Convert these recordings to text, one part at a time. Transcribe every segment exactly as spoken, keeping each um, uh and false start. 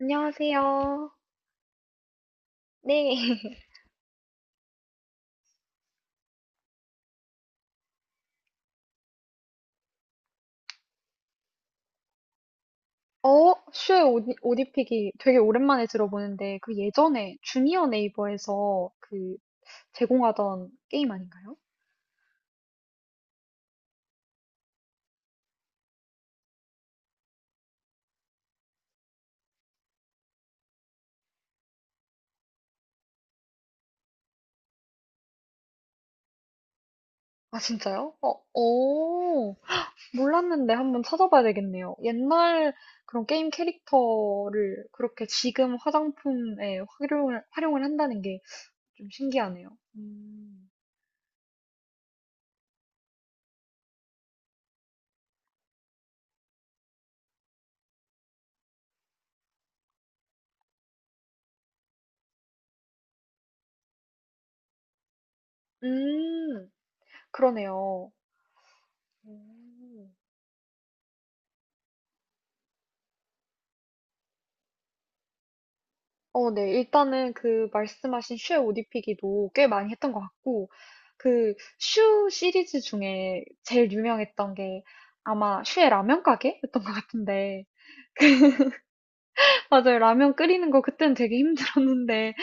안녕하세요. 네. 어, 슈의 옷, 옷 입히기 되게 오랜만에 들어보는데, 그 예전에 주니어 네이버에서 그 제공하던 게임 아닌가요? 아, 진짜요? 어, 오, 몰랐는데 한번 찾아봐야 되겠네요. 옛날 그런 게임 캐릭터를 그렇게 지금 화장품에 활용을, 활용을 한다는 게 좀 신기하네요. 음, 음, 그러네요. 오. 어, 네. 일단은 그 말씀하신 슈의 옷 입히기도 꽤 많이 했던 것 같고 그 슈 시리즈 중에 제일 유명했던 게 아마 슈의 라면 가게였던 것 같은데 맞아요. 라면 끓이는 거 그때는 되게 힘들었는데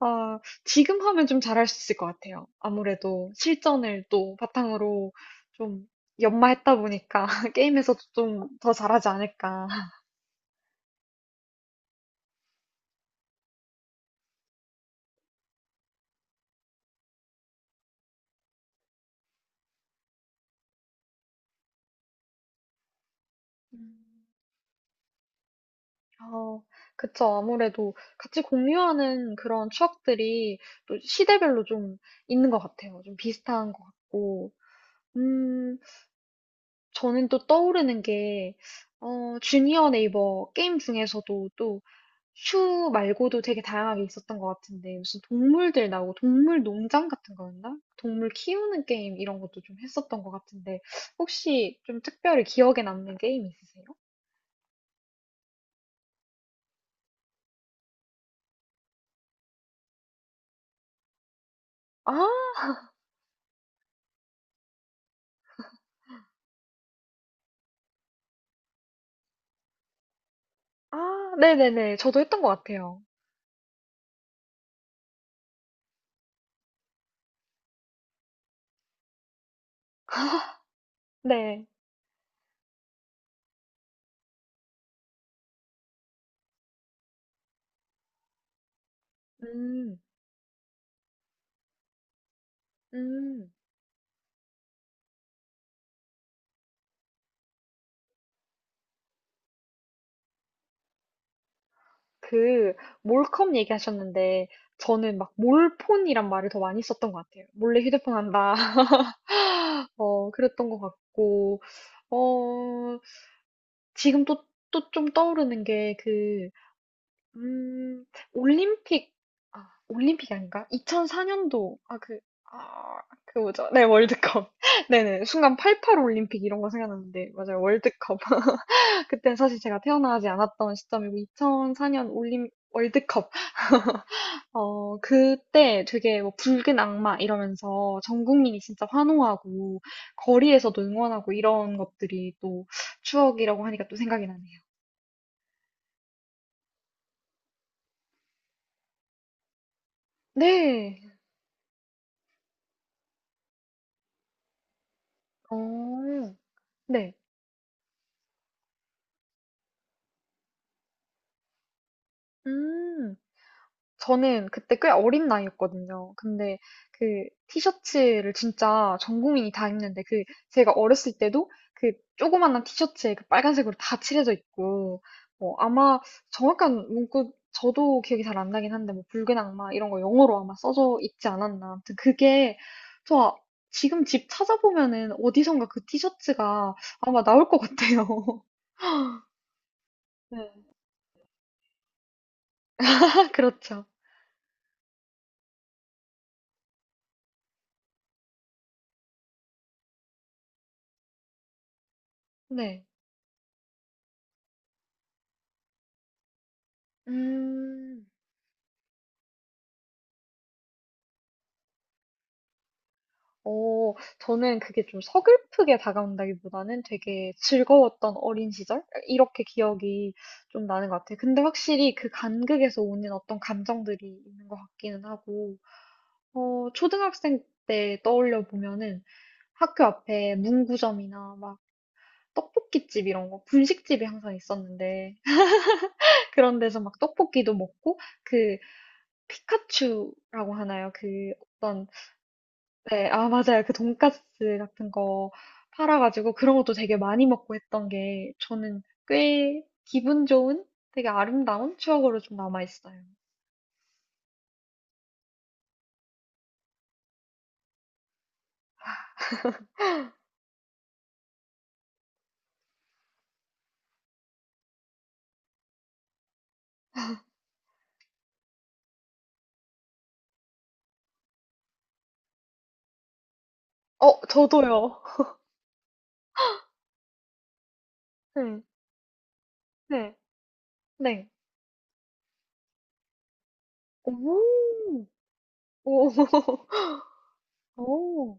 아 지금 하면 좀 잘할 수 있을 것 같아요. 아무래도 실전을 또 바탕으로 좀 연마했다 보니까 게임에서도 좀 더 잘하지 않을까. 음. 어, 그쵸. 아무래도 같이 공유하는 그런 추억들이 또 시대별로 좀 있는 것 같아요. 좀 비슷한 것 같고. 음, 저는 또 떠오르는 게, 어, 주니어 네이버 게임 중에서도 또 슈 말고도 되게 다양하게 있었던 것 같은데, 무슨 동물들 나오고 동물 농장 같은 거였나? 동물 키우는 게임 이런 것도 좀 했었던 것 같은데, 혹시 좀 특별히 기억에 남는 게임 있으세요? 아, 아, 네네네. 저도 했던 것 같아요. 네. 음. 음. 그 몰컴 얘기하셨는데 저는 막 몰폰이란 말을 더 많이 썼던 것 같아요. 몰래 휴대폰 한다. 어, 그랬던 것 같고, 어, 지금 또, 또 좀 떠오르는 게 그, 음, 올림픽, 아, 올림픽이 아닌가? 이천사 년도, 아, 그, 아, 그 뭐죠? 네, 월드컵. 네네. 순간 팔팔 올림픽 이런 거 생각났는데, 맞아요. 월드컵. 그때 사실 제가 태어나지 않았던 시점이고 이천사 년 올림 월드컵 어 그때 되게 뭐 붉은 악마 이러면서 전 국민이 진짜 환호하고 거리에서도 응원하고 이런 것들이 또 추억이라고 하니까 또 생각이 나네요. 네. 어, 네. 음. 저는 그때 꽤 어린 나이였거든요. 근데 그 티셔츠를 진짜 전 국민이 다 입는데 그 제가 어렸을 때도 그 조그만한 티셔츠에 그 빨간색으로 다 칠해져 있고 뭐 아마 정확한 문구 저도 기억이 잘 안 나긴 한데 뭐 붉은 악마 이런 거 영어로 아마 써져 있지 않았나. 아무튼 그게 저 아- 지금 집 찾아보면은 어디선가 그 티셔츠가 아마 나올 것 같아요. 네. 그렇죠. 네. 음. 어, 저는 그게 좀 서글프게 다가온다기보다는 되게 즐거웠던 어린 시절? 이렇게 기억이 좀 나는 것 같아요. 근데 확실히 그 간극에서 오는 어떤 감정들이 있는 것 같기는 하고, 어, 초등학생 때 떠올려 보면은 학교 앞에 문구점이나 막 떡볶이집 이런 거, 분식집이 항상 있었는데, 그런 데서 막 떡볶이도 먹고, 그 피카츄라고 하나요? 그 어떤 네, 아, 맞아요. 그 돈까스 같은 거 팔아가지고 그런 것도 되게 많이 먹고 했던 게 저는 꽤 기분 좋은 되게 아름다운 추억으로 좀 남아있어요. 어, 저도요. 네, 네, 네. 오, 오, 오,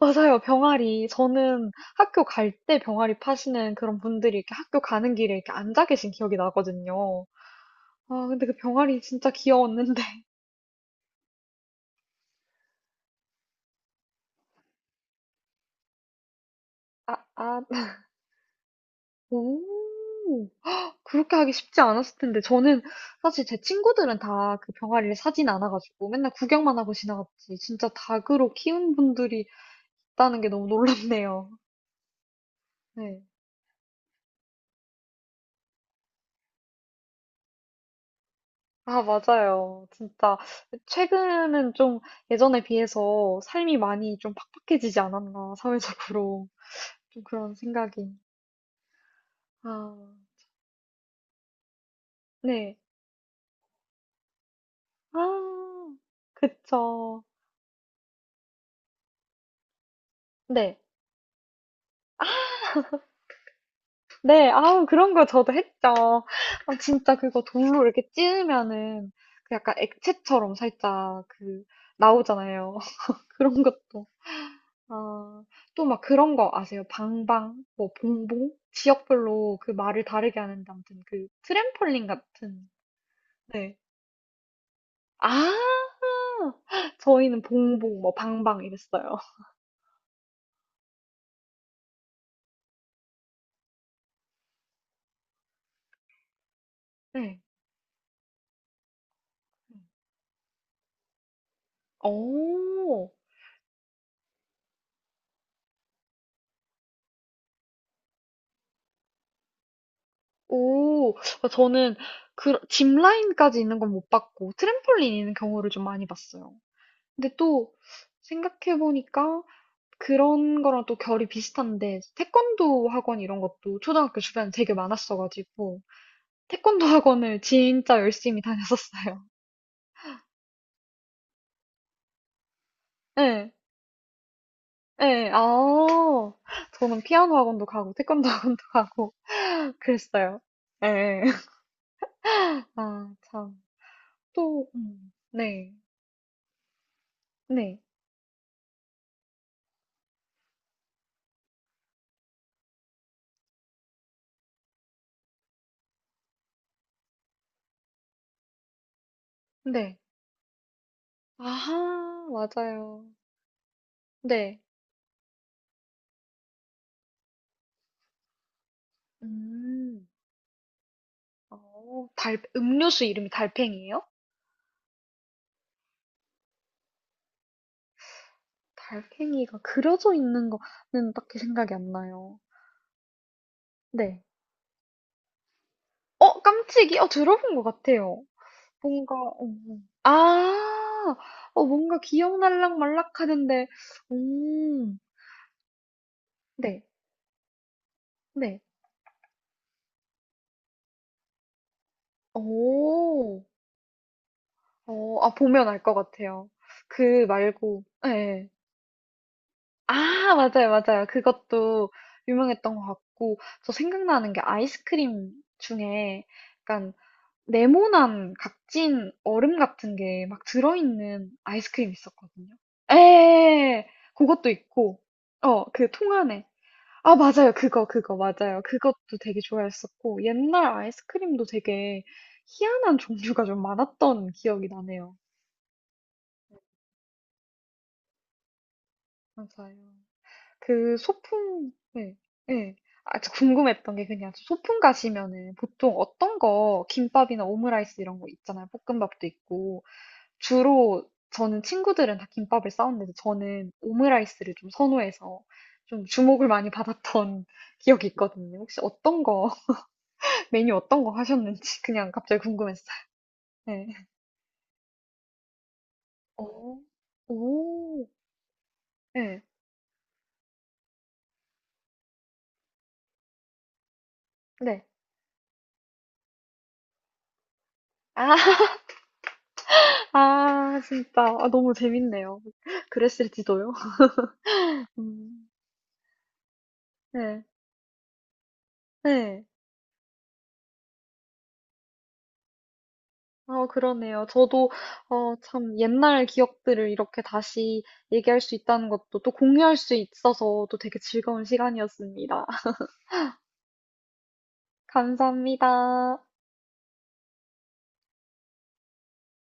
맞아요. 병아리. 저는 학교 갈 때 병아리 파시는 그런 분들이 이렇게 학교 가는 길에 이렇게 앉아 계신 기억이 나거든요. 아, 근데 그 병아리 진짜 귀여웠는데. 아, 아, 오. 그렇게 하기 쉽지 않았을 텐데 저는 사실 제 친구들은 다 그 병아리를 사진 않아 가지고 맨날 구경만 하고 지나갔지 진짜 닭으로 키운 분들이 있다는 게 너무 놀랍네요. 네. 아 맞아요. 진짜 최근은 좀 예전에 비해서 삶이 많이 좀 팍팍해지지 않았나 사회적으로. 좀 그런 생각이. 아. 네. 아. 그쵸. 네. 네. 아우 그런 거 저도 했죠. 아 진짜 그거 돌로 이렇게 찌르면은 그 약간 액체처럼 살짝 그 나오잖아요. 그런 것도. 아. 또 막 그런 거 아세요? 방방, 뭐 봉봉? 지역별로 그 말을 다르게 하는데 아무튼 그 트램폴린 같은 네. 아. 저희는 봉봉 뭐 방방 이랬어요. 네. 오. 오. 어 저는 그 짚라인까지 있는 건 못 봤고 트램폴린 있는 경우를 좀 많이 봤어요. 근데 또 생각해 보니까 그런 거랑 또 결이 비슷한데 태권도 학원 이런 것도 초등학교 주변에 되게 많았어 가지고 태권도 학원을 진짜 열심히 다녔었어요. 네, 네, 아. 저는 피아노 학원도 가고 태권도 학원도 가고 그랬어요. 네, 아 참. 또 음. 네. 네. 네. 아하, 맞아요. 네. 음. 어, 달, 음료수 이름이 달팽이에요? 달팽이가 그려져 있는 거는 딱히 생각이 안 나요. 네. 어, 깜찍이? 어, 들어본 것 같아요. 뭔가, 어, 어. 아, 어, 뭔가 기억날락 말락 하는데, 음, 네, 네. 오, 어, 아, 보면 알 것 같아요. 그 말고, 예. 아, 맞아요, 맞아요. 그것도 유명했던 것 같고, 저 생각나는 게 아이스크림 중에 약간 네모난 각진 얼음 같은 게 막 들어있는 아이스크림 있었거든요. 에, 그것도 있고, 어, 그 통 안에. 아, 맞아요. 그거, 그거, 맞아요. 그것도 되게 좋아했었고, 옛날 아이스크림도 되게 희한한 종류가 좀 많았던 기억이 나네요. 맞아요. 그 소풍 네. 예. 아 저 궁금했던 게 그냥 소풍 가시면은 보통 어떤 거 김밥이나 오므라이스 이런 거 있잖아요. 볶음밥도 있고. 주로 저는 친구들은 다 김밥을 싸왔는데 저는 오므라이스를 좀 선호해서 좀 주목을 많이 받았던 기억이 있거든요. 혹시 어떤 거 메뉴 어떤 거 하셨는지 그냥 갑자기 궁금했어요. 네. 오 오. 예. 네. 아. 아 진짜. 아 너무 재밌네요. 그랬을지도요. 음. 네. 네. 아, 그러네요. 저도, 어, 참, 옛날 기억들을 이렇게 다시 얘기할 수 있다는 것도 또 공유할 수 있어서 또 되게 즐거운 시간이었습니다. 감사합니다.